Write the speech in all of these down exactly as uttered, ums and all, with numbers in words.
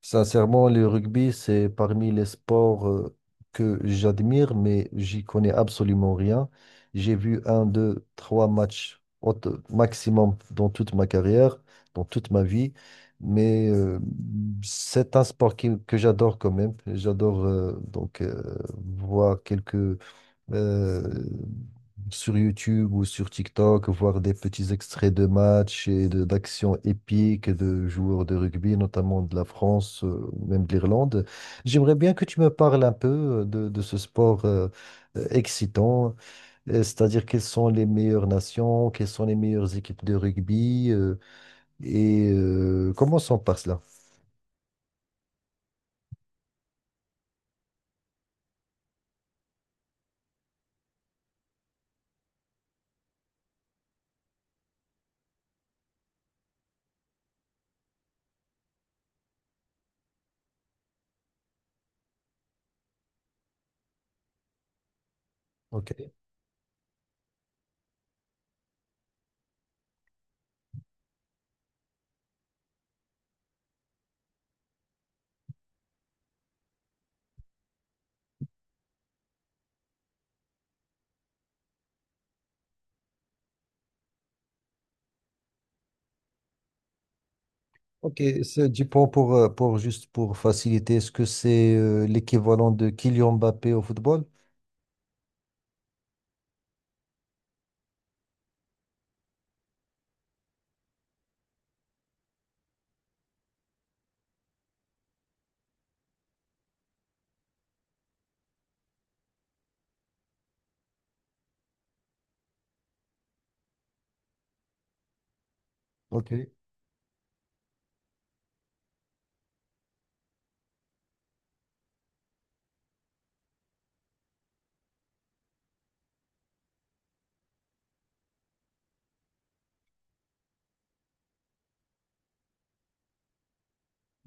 Sincèrement, le rugby, c'est parmi les sports euh, que j'admire, mais j'y connais absolument rien. J'ai vu un, deux, trois matchs au t- maximum dans toute ma carrière, dans toute ma vie. Mais euh, c'est un sport qui- que j'adore quand même. J'adore euh, donc euh, voir quelques euh, sur YouTube ou sur TikTok, voir des petits extraits de matchs et de- d'actions épiques de joueurs de rugby, notamment de la France, euh, même de l'Irlande. J'aimerais bien que tu me parles un peu euh, de, de ce sport euh, euh, excitant, euh, c'est-à-dire quelles sont les meilleures nations, quelles sont les meilleures équipes de rugby euh, et euh, commençons par cela. Ok, ok, c'est du point pour, euh, pour juste pour faciliter, est-ce que c'est euh, l'équivalent de Kylian Mbappé au football? Ok.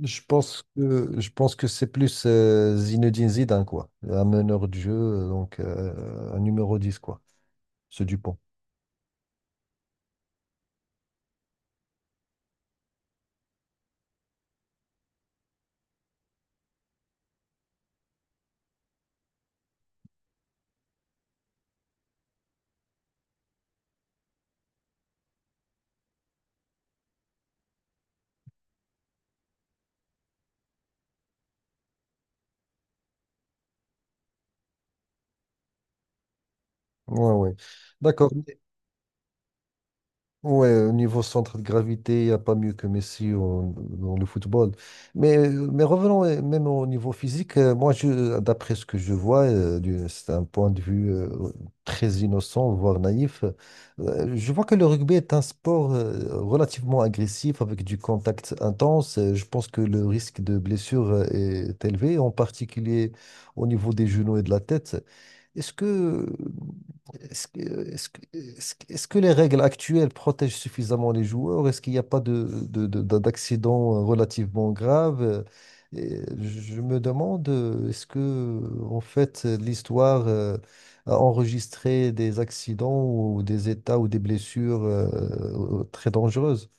Je pense que je pense que c'est plus euh, Zinedine Zidane quoi, un meneur de jeu euh, donc euh, un numéro dix quoi, ce Dupont. Ouais, ouais. D'accord. Ouais, au niveau centre de gravité, il n'y a pas mieux que Messi au- dans le football. Mais, mais revenons euh, même au niveau physique. euh, Moi, je, d'après ce que je vois, euh, du- c'est un point de vue euh, très innocent, voire naïf. euh, Je vois que le rugby est un sport euh, relativement agressif, avec du contact intense. Euh, Je pense que le risque de blessure euh, est élevé, en particulier au niveau des genoux et de la tête. Est-ce que, est-ce que, est-ce que, est-ce que est-ce que les règles actuelles protègent suffisamment les joueurs? Est-ce qu'il n'y a pas de, de- de- de- d'accident relativement grave? Et je me demande, euh, est-ce que, en fait, l'histoire euh, a enregistré des accidents ou des états ou des blessures euh, très dangereuses?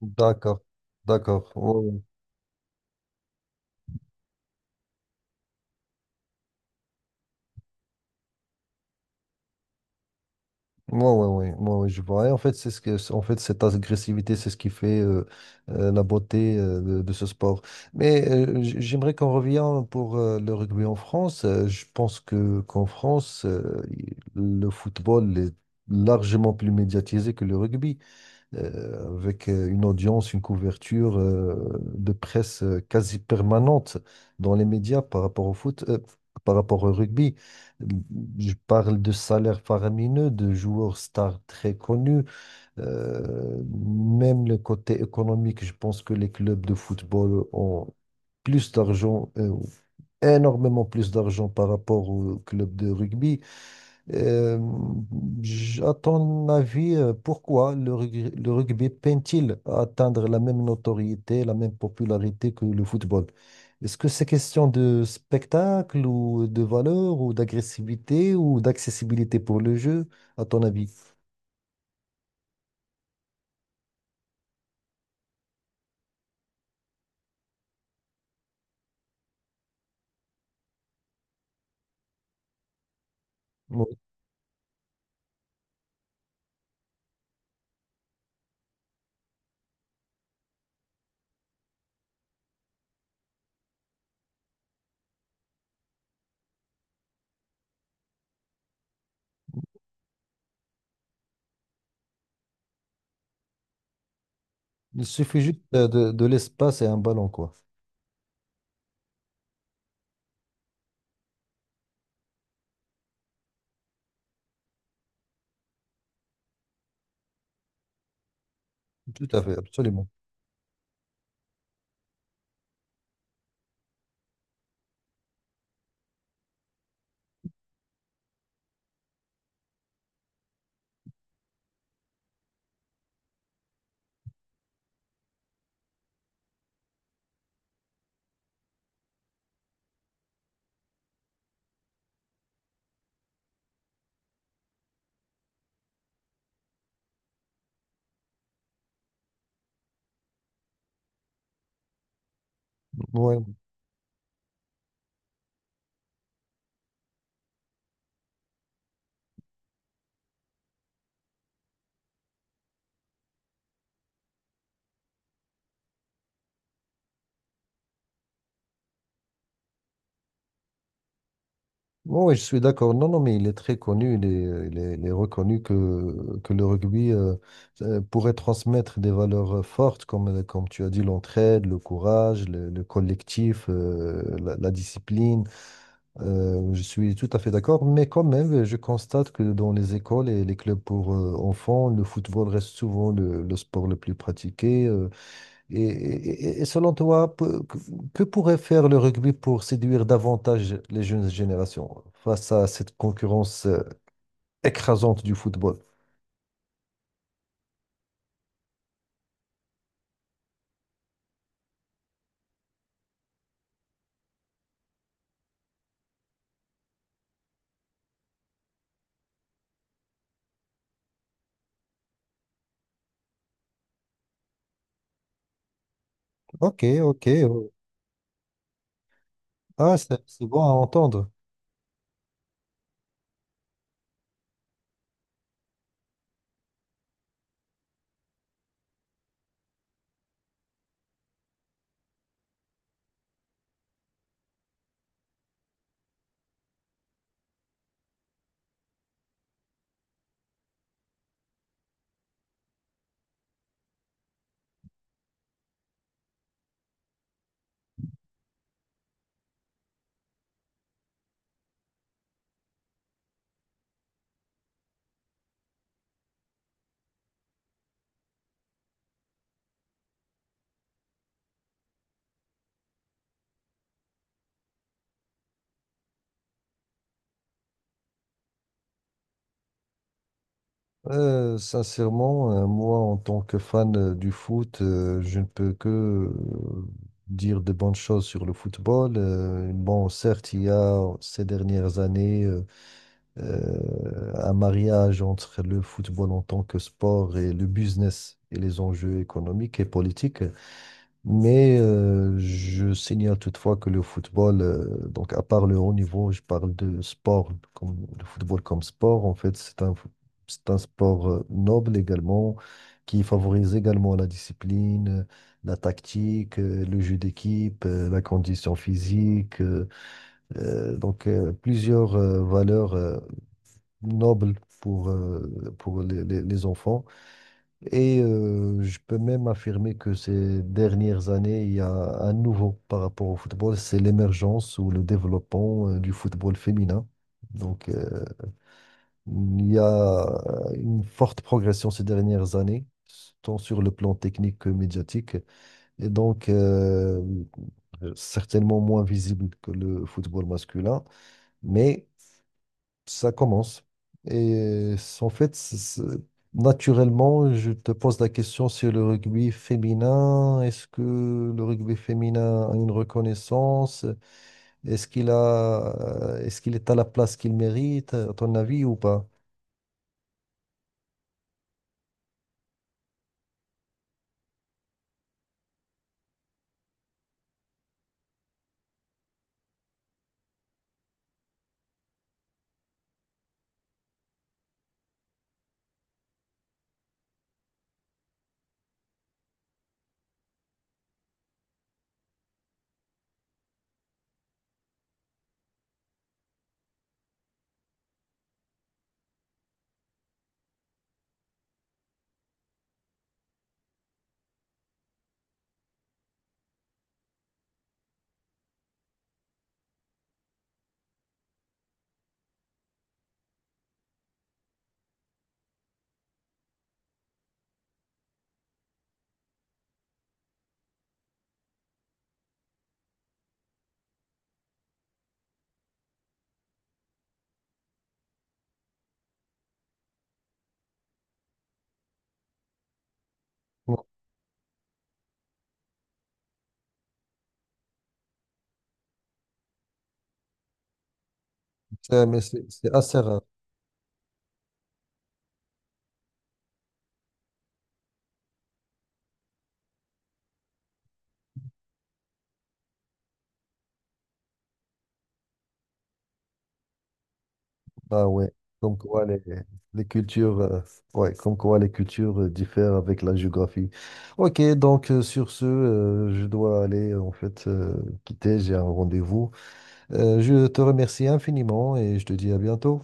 D'accord, d'accord. Ouais, ouais, ouais, ouais, ouais, je vois. Et en fait, c'est ce que, en fait, cette agressivité, c'est ce qui fait euh, euh, la beauté euh, de, de ce sport. Mais euh, j- j'aimerais qu'on revienne pour euh, le rugby en France. Euh, je pense que qu'en France, euh, le football est largement plus médiatisé que le rugby euh, avec euh, une audience, une couverture euh, de presse euh, quasi permanente dans les médias par rapport au foot, euh, par rapport au rugby. Euh, Je parle de salaires faramineux, de joueurs stars très connus, euh, même le côté économique. Je pense que les clubs de football ont plus d'argent, euh, énormément plus d'argent par rapport aux clubs de rugby. Euh, j- à ton avis, euh, pourquoi le rugby, le rugby peine-t-il à atteindre la même notoriété, la même popularité que le football? Est-ce que c'est question de spectacle ou de valeur ou d'agressivité ou d'accessibilité pour le jeu, à ton avis? Bon, il suffit juste euh, de, de l'espace et un ballon, quoi. Tout à fait, absolument. Ouais. Bon, oui, je suis d'accord. Non, non, mais il est très connu, il est, il est- il est reconnu que, que le rugby euh, euh, pourrait transmettre des valeurs euh, fortes, comme, euh, comme tu as dit, l'entraide, le courage, le, le collectif, euh, la, la discipline. Euh, je suis tout à fait d'accord, mais quand même, je constate que dans les écoles et les clubs pour euh, enfants, le football reste souvent le, le sport le plus pratiqué. euh, et, et- et selon toi, peu- que, que pourrait faire le rugby pour séduire davantage les jeunes générations face à cette concurrence euh, écrasante du football? Ok, ok. Oh. Ah, c'est c'est bon à entendre. Euh, sincèrement, euh, moi, en tant que fan euh, du foot, euh, je ne peux que euh, dire de bonnes choses sur le football. Euh, bon, certes, il y a ces dernières années euh, euh, un mariage entre le football en tant que sport et le business et les enjeux économiques et politiques. Mais euh, je signale toutefois que le football, euh, donc à part le haut niveau, je parle de sport, comme, le football comme sport, en fait, c'est un, c'est un sport euh, noble également, qui favorise également la discipline. La tactique, euh, le jeu d'équipe, euh, la condition physique, euh, euh, donc euh, plusieurs euh, valeurs euh, noble pour, euh, pour les, les- les enfants. Et euh, je peux même affirmer que ces dernières années, il y a un nouveau par rapport au football, c'est l'émergence ou le développement euh, du football féminin. Donc, euh, il y a une forte progression ces dernières années, tant sur le plan technique que médiatique, et donc euh, certainement moins visible que le football masculin, mais Ça commence. Et c'est- en fait, c'est- c'est- naturellement, je te pose la question sur le rugby féminin. Est-ce que le rugby féminin a une reconnaissance? Est-ce qu'il a, euh, est-ce qu'il est à la place qu'il mérite, à ton avis, ou pas? Non, c'est mais c'est- c'est assez rare. Ah ouais. Comme quoi les, les cultures, euh, Ouais, comme quoi les cultures euh, diffèrent avec la géographie. Ok, donc euh, sur ce, euh, je dois aller en fait euh, quitter, j'ai un rendez-vous. Euh, je te remercie infiniment et je te dis à bientôt.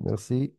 Merci.